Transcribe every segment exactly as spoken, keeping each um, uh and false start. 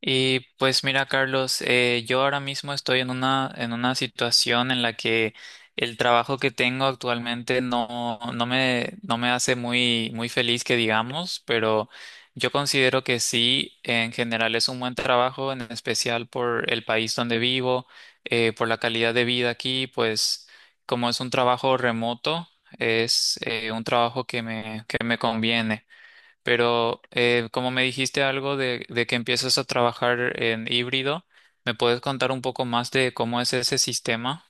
Y pues mira, Carlos, eh, yo ahora mismo estoy en una, en una situación en la que el trabajo que tengo actualmente no, no me, no me hace muy, muy feliz que digamos, pero yo considero que sí, en general es un buen trabajo, en especial por el país donde vivo, eh, por la calidad de vida aquí, pues como es un trabajo remoto, es eh, un trabajo que me, que me conviene. Pero eh, como me dijiste algo de, de que empiezas a trabajar en híbrido, ¿me puedes contar un poco más de cómo es ese sistema?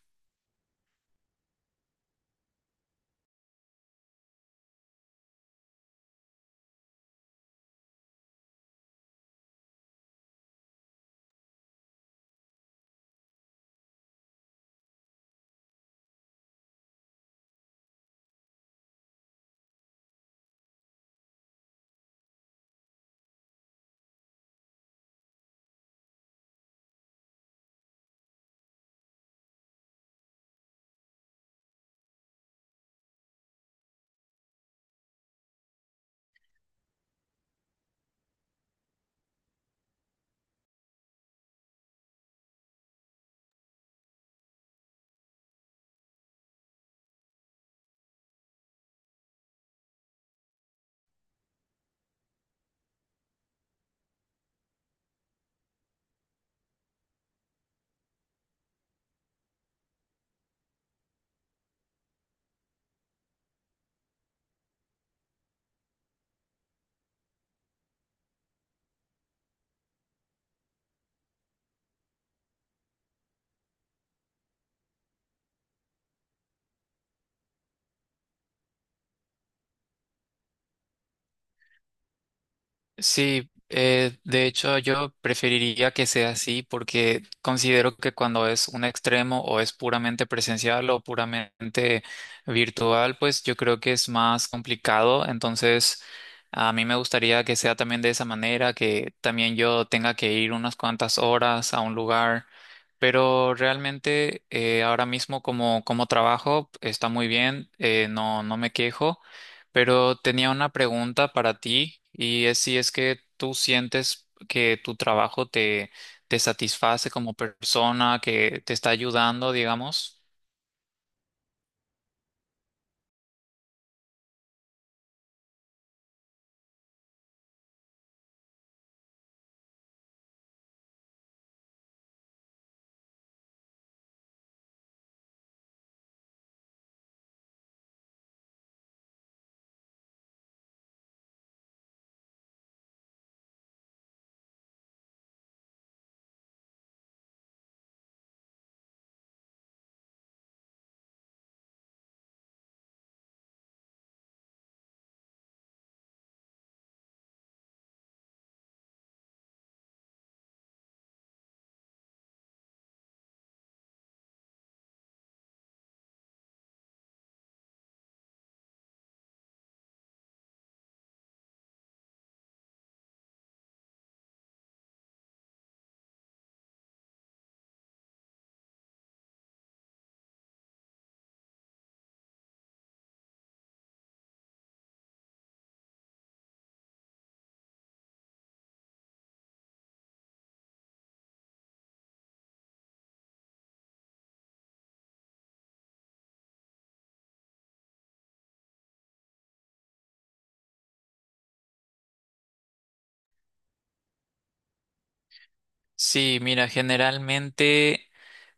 Sí, eh, de hecho yo preferiría que sea así porque considero que cuando es un extremo o es puramente presencial o puramente virtual, pues yo creo que es más complicado. Entonces, a mí me gustaría que sea también de esa manera, que también yo tenga que ir unas cuantas horas a un lugar. Pero realmente eh, ahora mismo como, como trabajo está muy bien, eh, no, no me quejo. Pero tenía una pregunta para ti y es si es que tú sientes que tu trabajo te, te satisface como persona, que te está ayudando, digamos. Sí, mira, generalmente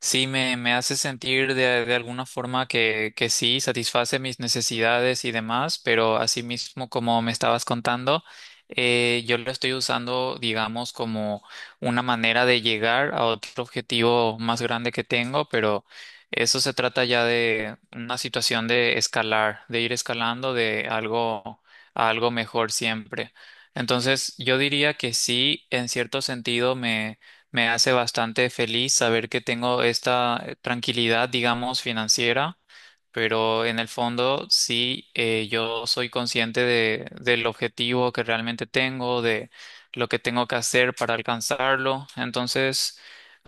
sí me, me hace sentir de, de alguna forma que, que sí, satisface mis necesidades y demás, pero asimismo, como me estabas contando, eh, yo lo estoy usando, digamos, como una manera de llegar a otro objetivo más grande que tengo, pero eso se trata ya de una situación de escalar, de ir escalando de algo a algo mejor siempre. Entonces, yo diría que sí, en cierto sentido me me hace bastante feliz saber que tengo esta eh, tranquilidad, digamos, financiera, pero en el fondo sí, eh, yo soy consciente de, del objetivo que realmente tengo, de lo que tengo que hacer para alcanzarlo. Entonces...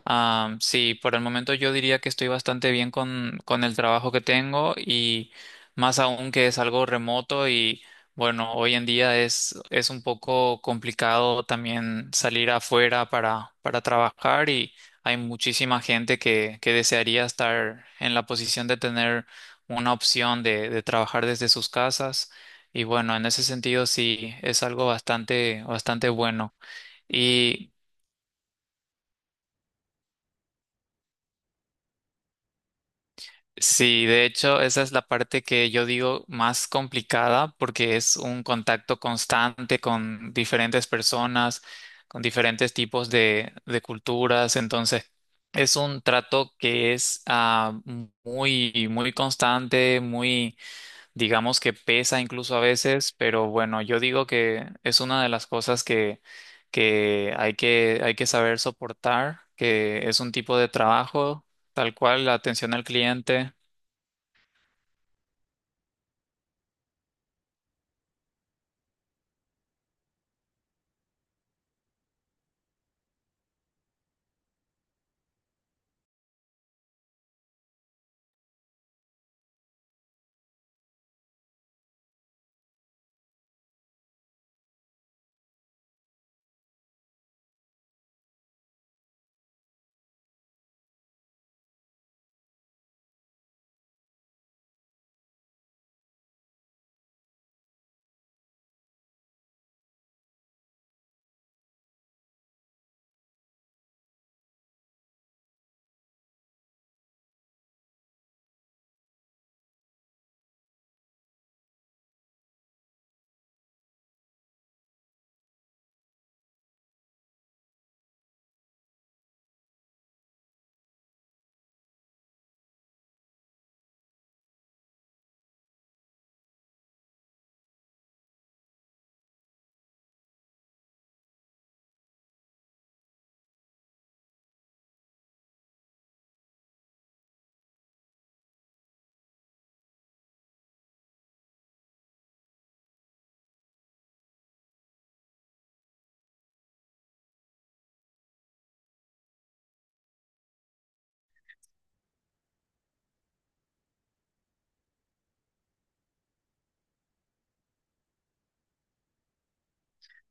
Ah, sí, por el momento yo diría que estoy bastante bien con, con el trabajo que tengo y más aún que es algo remoto y bueno, hoy en día es, es un poco complicado también salir afuera para, para trabajar y hay muchísima gente que, que desearía estar en la posición de tener una opción de, de trabajar desde sus casas y bueno, en ese sentido sí es algo bastante, bastante bueno. Y sí, de hecho, esa es la parte que yo digo más complicada porque es un contacto constante con diferentes personas, con diferentes tipos de, de culturas. Entonces, es un trato que es ah, muy, muy constante, muy, digamos que pesa incluso a veces, pero bueno, yo digo que es una de las cosas que, que hay que, hay que saber soportar, que es un tipo de trabajo, tal cual, la atención al cliente.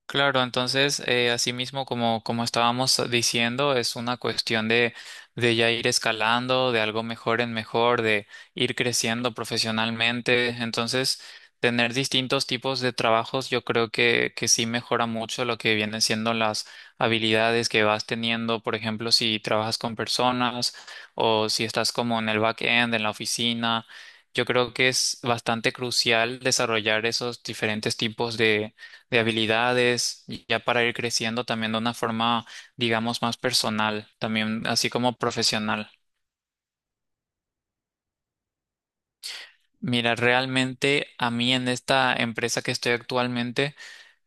Claro, entonces, eh, asimismo, como, como estábamos diciendo, es una cuestión de, de ya ir escalando, de algo mejor en mejor, de ir creciendo profesionalmente. Entonces, tener distintos tipos de trabajos, yo creo que, que sí mejora mucho lo que vienen siendo las habilidades que vas teniendo. Por ejemplo, si trabajas con personas o si estás como en el back-end, en la oficina. Yo creo que es bastante crucial desarrollar esos diferentes tipos de habilidades, y ya para ir creciendo también de una forma, digamos, más personal, también así como profesional. Mira, realmente a mí en esta empresa que estoy actualmente,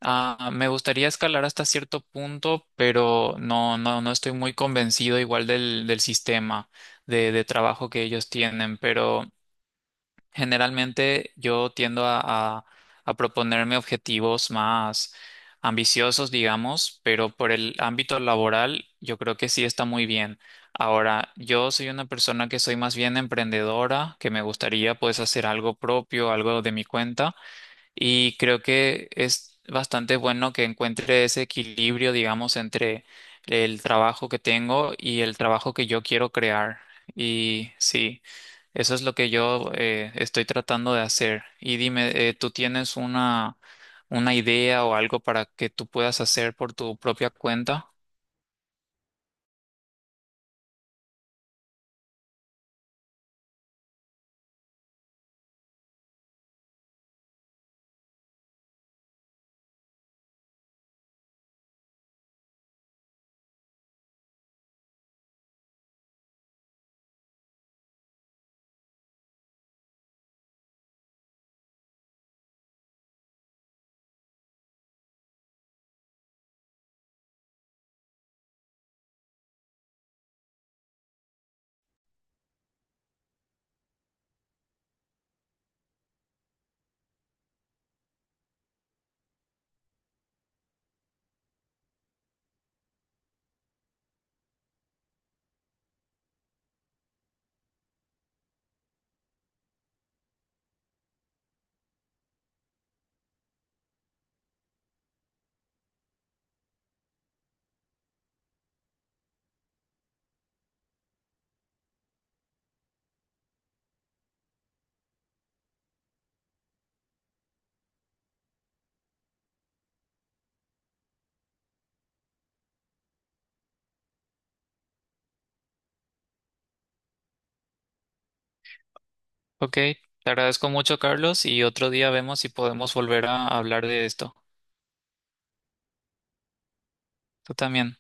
ah, me gustaría escalar hasta cierto punto, pero no, no, no estoy muy convencido igual del, del sistema de, de trabajo que ellos tienen, pero generalmente yo tiendo a, a- a proponerme objetivos más ambiciosos, digamos, pero por el ámbito laboral yo creo que sí está muy bien. Ahora, yo soy una persona que soy más bien emprendedora, que me gustaría pues hacer algo propio, algo de mi cuenta. Y creo que es bastante bueno que encuentre ese equilibrio, digamos, entre el trabajo que tengo y el trabajo que yo quiero crear. Y sí, eso es lo que yo eh, estoy tratando de hacer. Y dime, eh, ¿tú tienes una, una idea o algo para que tú puedas hacer por tu propia cuenta? Ok, te agradezco mucho, Carlos, y otro día vemos si podemos volver a hablar de esto. Tú también.